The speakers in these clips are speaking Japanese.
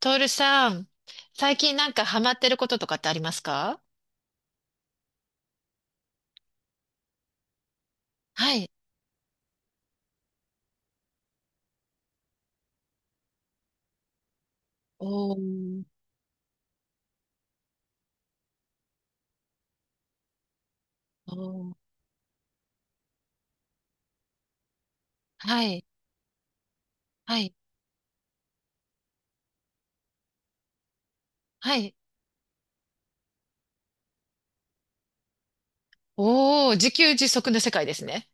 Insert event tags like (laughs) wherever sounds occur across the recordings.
トールさん、最近なんかハマってることとかってありますか？はい。おー。おー。はい、はい、はい。おー、自給自足の世界ですね。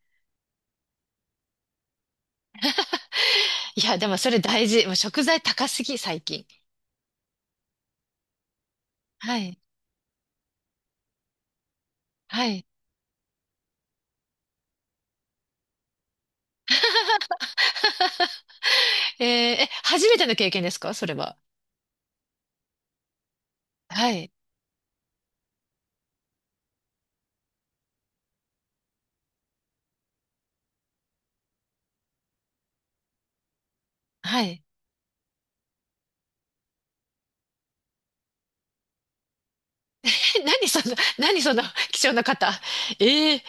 (laughs) いや、でもそれ大事。もう食材高すぎ、最近。はい、はい。(laughs) えーえ、初めての経験ですかそれは。はい、はい。え何その、何その (laughs) 貴重な方。えー、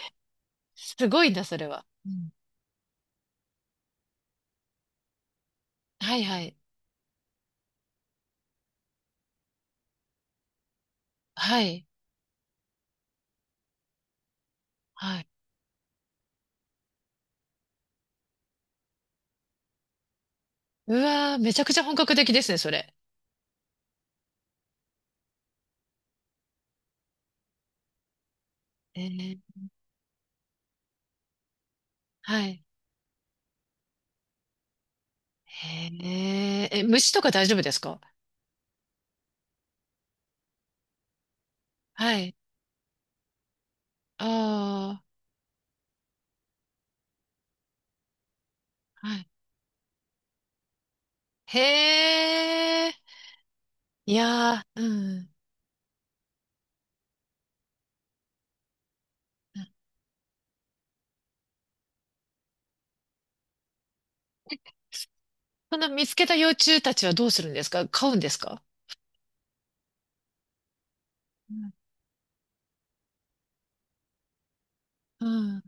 すごいな、それは。うん。はい、はい、はい、はい。うわー、めちゃくちゃ本格的ですね、それ。えー、はい。へえ、え、虫とか大丈夫ですか？はい。ああ、はい。へえ、いやー、うん。ん。その見つけた幼虫たちはどうするんですか？飼うんですか？うん。うん。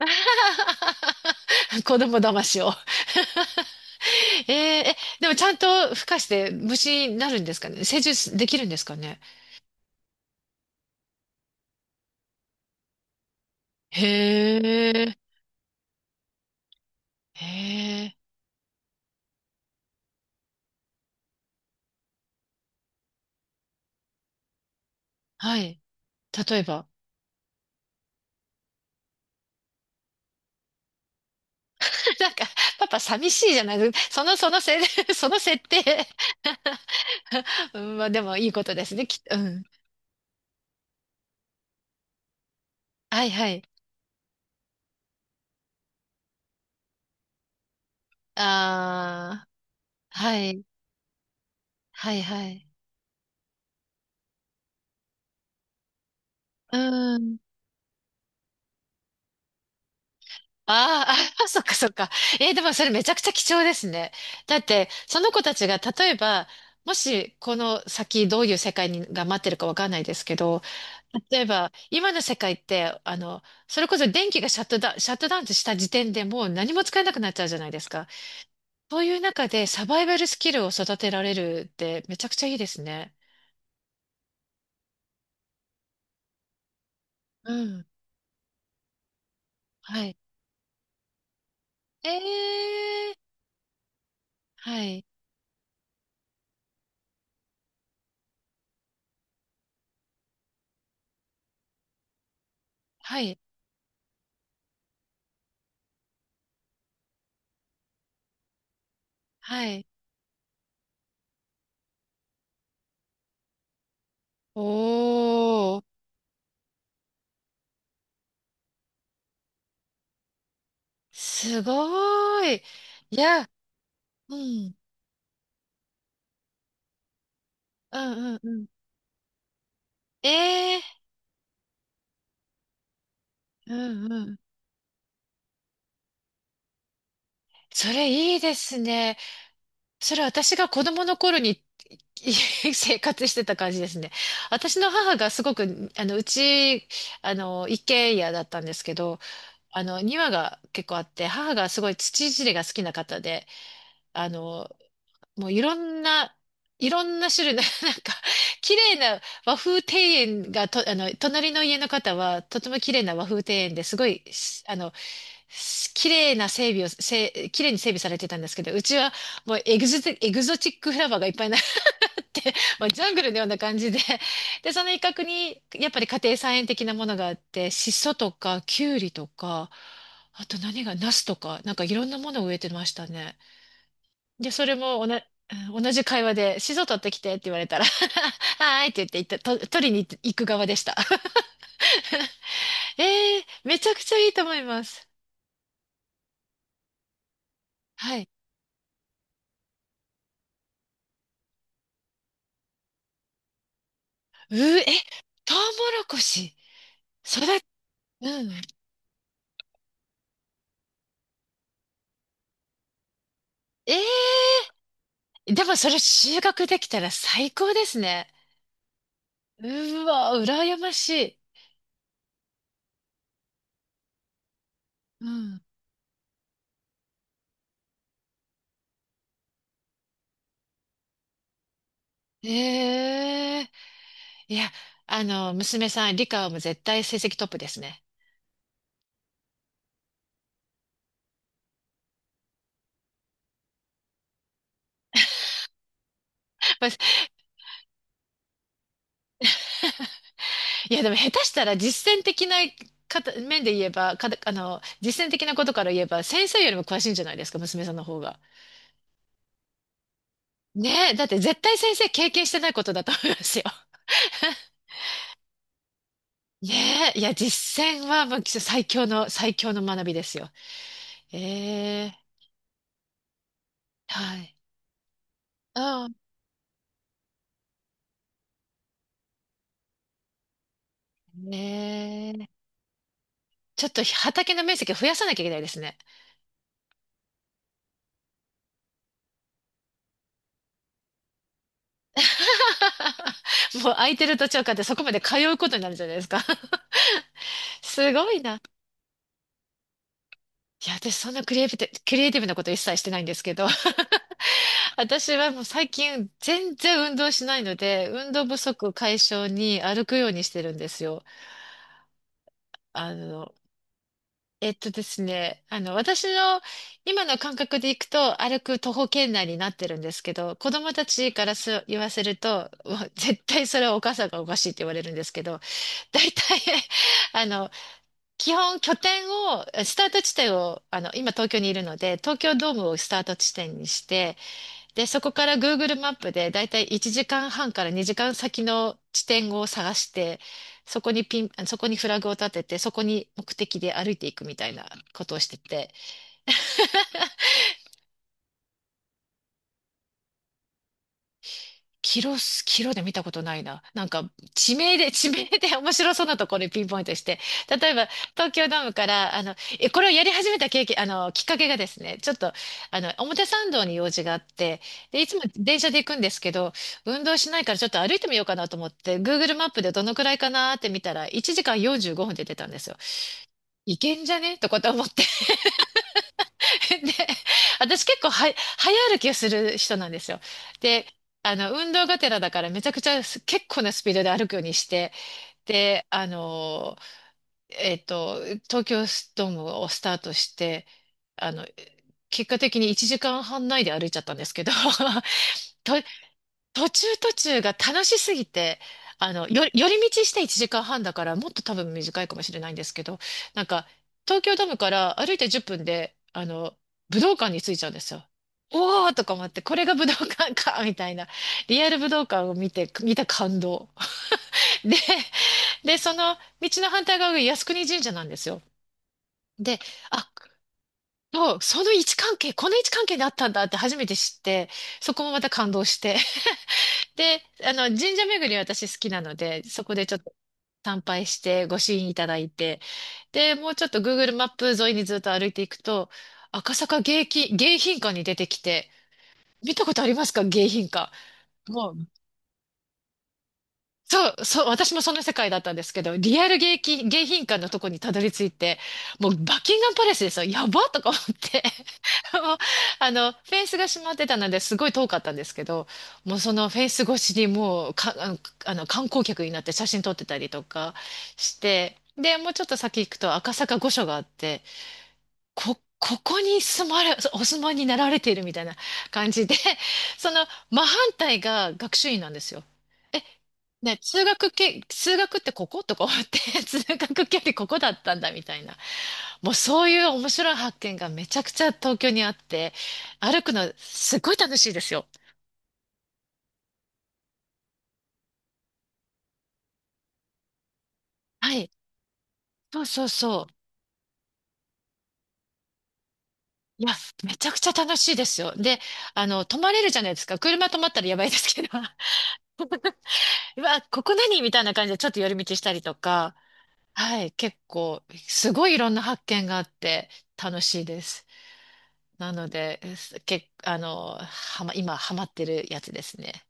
(laughs) 子供騙しを。 (laughs) えーえ、でもちゃんと孵化して虫になるんですかね、成熟できるんですかね？へえ。へえ、はい。例えば。(laughs) なんか、パパ寂しいじゃない、その、そのせ、(laughs) その設定。 (laughs) うん、まあでもいいことですね、きっと。うん。はいはい。ああ、はい、はいはい。うん。あーあ、(laughs) そっかそっか。えーでもそれめちゃくちゃ貴重ですね。だって、その子たちが例えば、もしこの先どういう世界にが待ってるかわかんないですけど、例えば今の世界って、それこそ電気がシャットダウンした時点でもう何も使えなくなっちゃうじゃないですか。そういう中でサバイバルスキルを育てられるってめちゃくちゃいいですね。うん。はい。ええー。はい。はい。はい。おー。すごーい。いや、うん。うんうんうん。ええー。うんうん。それいいですね。それ私が子供の頃に (laughs) 生活してた感じですね。私の母がすごく、うち、一軒家だったんですけど、庭が結構あって、母がすごい土いじりが好きな方で、あの、もういろんな、いろんな種類の、(laughs) なんか、綺麗な和風庭園がと、あの、隣の家の方は、とても綺麗な和風庭園ですごい、しあの、し綺麗な整備を、綺麗に整備されてたんですけど、うちはもうエグゾチックフラワーがいっぱい。まあ、ジャングルのような感じで、(laughs) で、その一角に、やっぱり家庭菜園的なものがあって、シソとか、キュウリとか、あと何が、ナスとか、なんかいろんなものを植えてましたね。で、それもうん、同じ会話で、シソ取ってきてって言われたら、(laughs) はーいって言って行った、と取りに行く側でした。(laughs) えーめちゃくちゃいいと思います。はい。うー、え、トウモロコシ、育っ、うん。ええでもそれ収穫できたら最高ですね。うわ、羨ましい。うん。ええいや、娘さん、理科はもう絶対成績トップですね。まあいや、でも下手したら実践的な方面で言えば、かた、あの、実践的なことから言えば、先生よりも詳しいんじゃないですか、娘さんの方が。ねえ、だって絶対先生経験してないことだと思いますよ。ねえ、いや、実践はもう最強の学びですよ。ええはい。うん。ねえ。ちょっと畑の面積増やさなきゃいけないですね。(laughs) もう空いてる図書館ってそこまで通うことになるじゃないですか。(laughs) すごいな。いや、私そんなクリエイティブなこと一切してないんですけど、(laughs) 私はもう最近全然運動しないので、運動不足解消に歩くようにしてるんですよ。あの、えっとですね、あの、私の今の感覚でいくと歩く徒歩圏内になってるんですけど、子供たちから言わせると、うわ絶対それはお母さんがおかしいって言われるんですけど、大体、(laughs) あの、基本拠点を、スタート地点を、今東京にいるので、東京ドームをスタート地点にして、で、そこから Google マップでだいたい1時間半から2時間先の地点を探して、そこにフラグを立てて、そこに目的で歩いていくみたいなことをしてて、キロで見たことないな。なんか、地名で、(laughs) 地名で面白そうなところにピンポイントして。例えば、東京ドームから、これをやり始めた経験、あの、きっかけがですね、ちょっと、表参道に用事があって、で、いつも電車で行くんですけど、運動しないからちょっと歩いてみようかなと思って、Google マップでどのくらいかなって見たら、1時間45分で出てたんですよ。いけんじゃねとかと思って。 (laughs) で、私結構は、早歩きをする人なんですよ。で、運動がてらだからめちゃくちゃ結構なスピードで歩くようにして、で、えっと、東京ドームをスタートして、あの、結果的に1時間半内で歩いちゃったんですけど、(laughs) 途中途中が楽しすぎて、寄り道して1時間半だから、もっと多分短いかもしれないんですけど、なんか、東京ドームから歩いて10分で、武道館に着いちゃうんですよ。おーとか思って、これが武道館か、みたいな。リアル武道館を見た感動。で、で、その道の反対側が靖国神社なんですよ。で、あ、もう、その位置関係、この位置関係にあったんだって初めて知って、そこもまた感動して、で、神社巡り私好きなので、そこでちょっと参拝してご支援いただいて、で、もうちょっと Google マップ沿いにずっと歩いていくと、赤坂迎賓館に出てきて、見たことありますか迎賓館？もう、そう、そう、私もその世界だったんですけど、リアル迎賓館のとこにたどり着いて、もうバッキンガンパレスですよ。やばとか思って。(laughs) もうフェンスが閉まってたので、すごい遠かったんですけど、もうそのフェンス越しにもうか、あの、あの観光客になって写真撮ってたりとかして、で、もうちょっと先行くと赤坂御所があって、ここに住まれ、お住まいになられているみたいな感じで、その真反対が学習院なんですよ。ね、通学ってこことか思って、(laughs) 通学距離ここだったんだみたいな。もうそういう面白い発見がめちゃくちゃ東京にあって、歩くのすっごい楽しいですよ。はい。そうそうそう。いや、めちゃくちゃ楽しいですよ。で、泊まれるじゃないですか。車止まったらやばいですけど、(laughs) うわ、ここ何みたいな感じでちょっと寄り道したりとか、はい、結構、すごいいろんな発見があって楽しいです。なので、すけ、あの、はま、今ハマってるやつですね。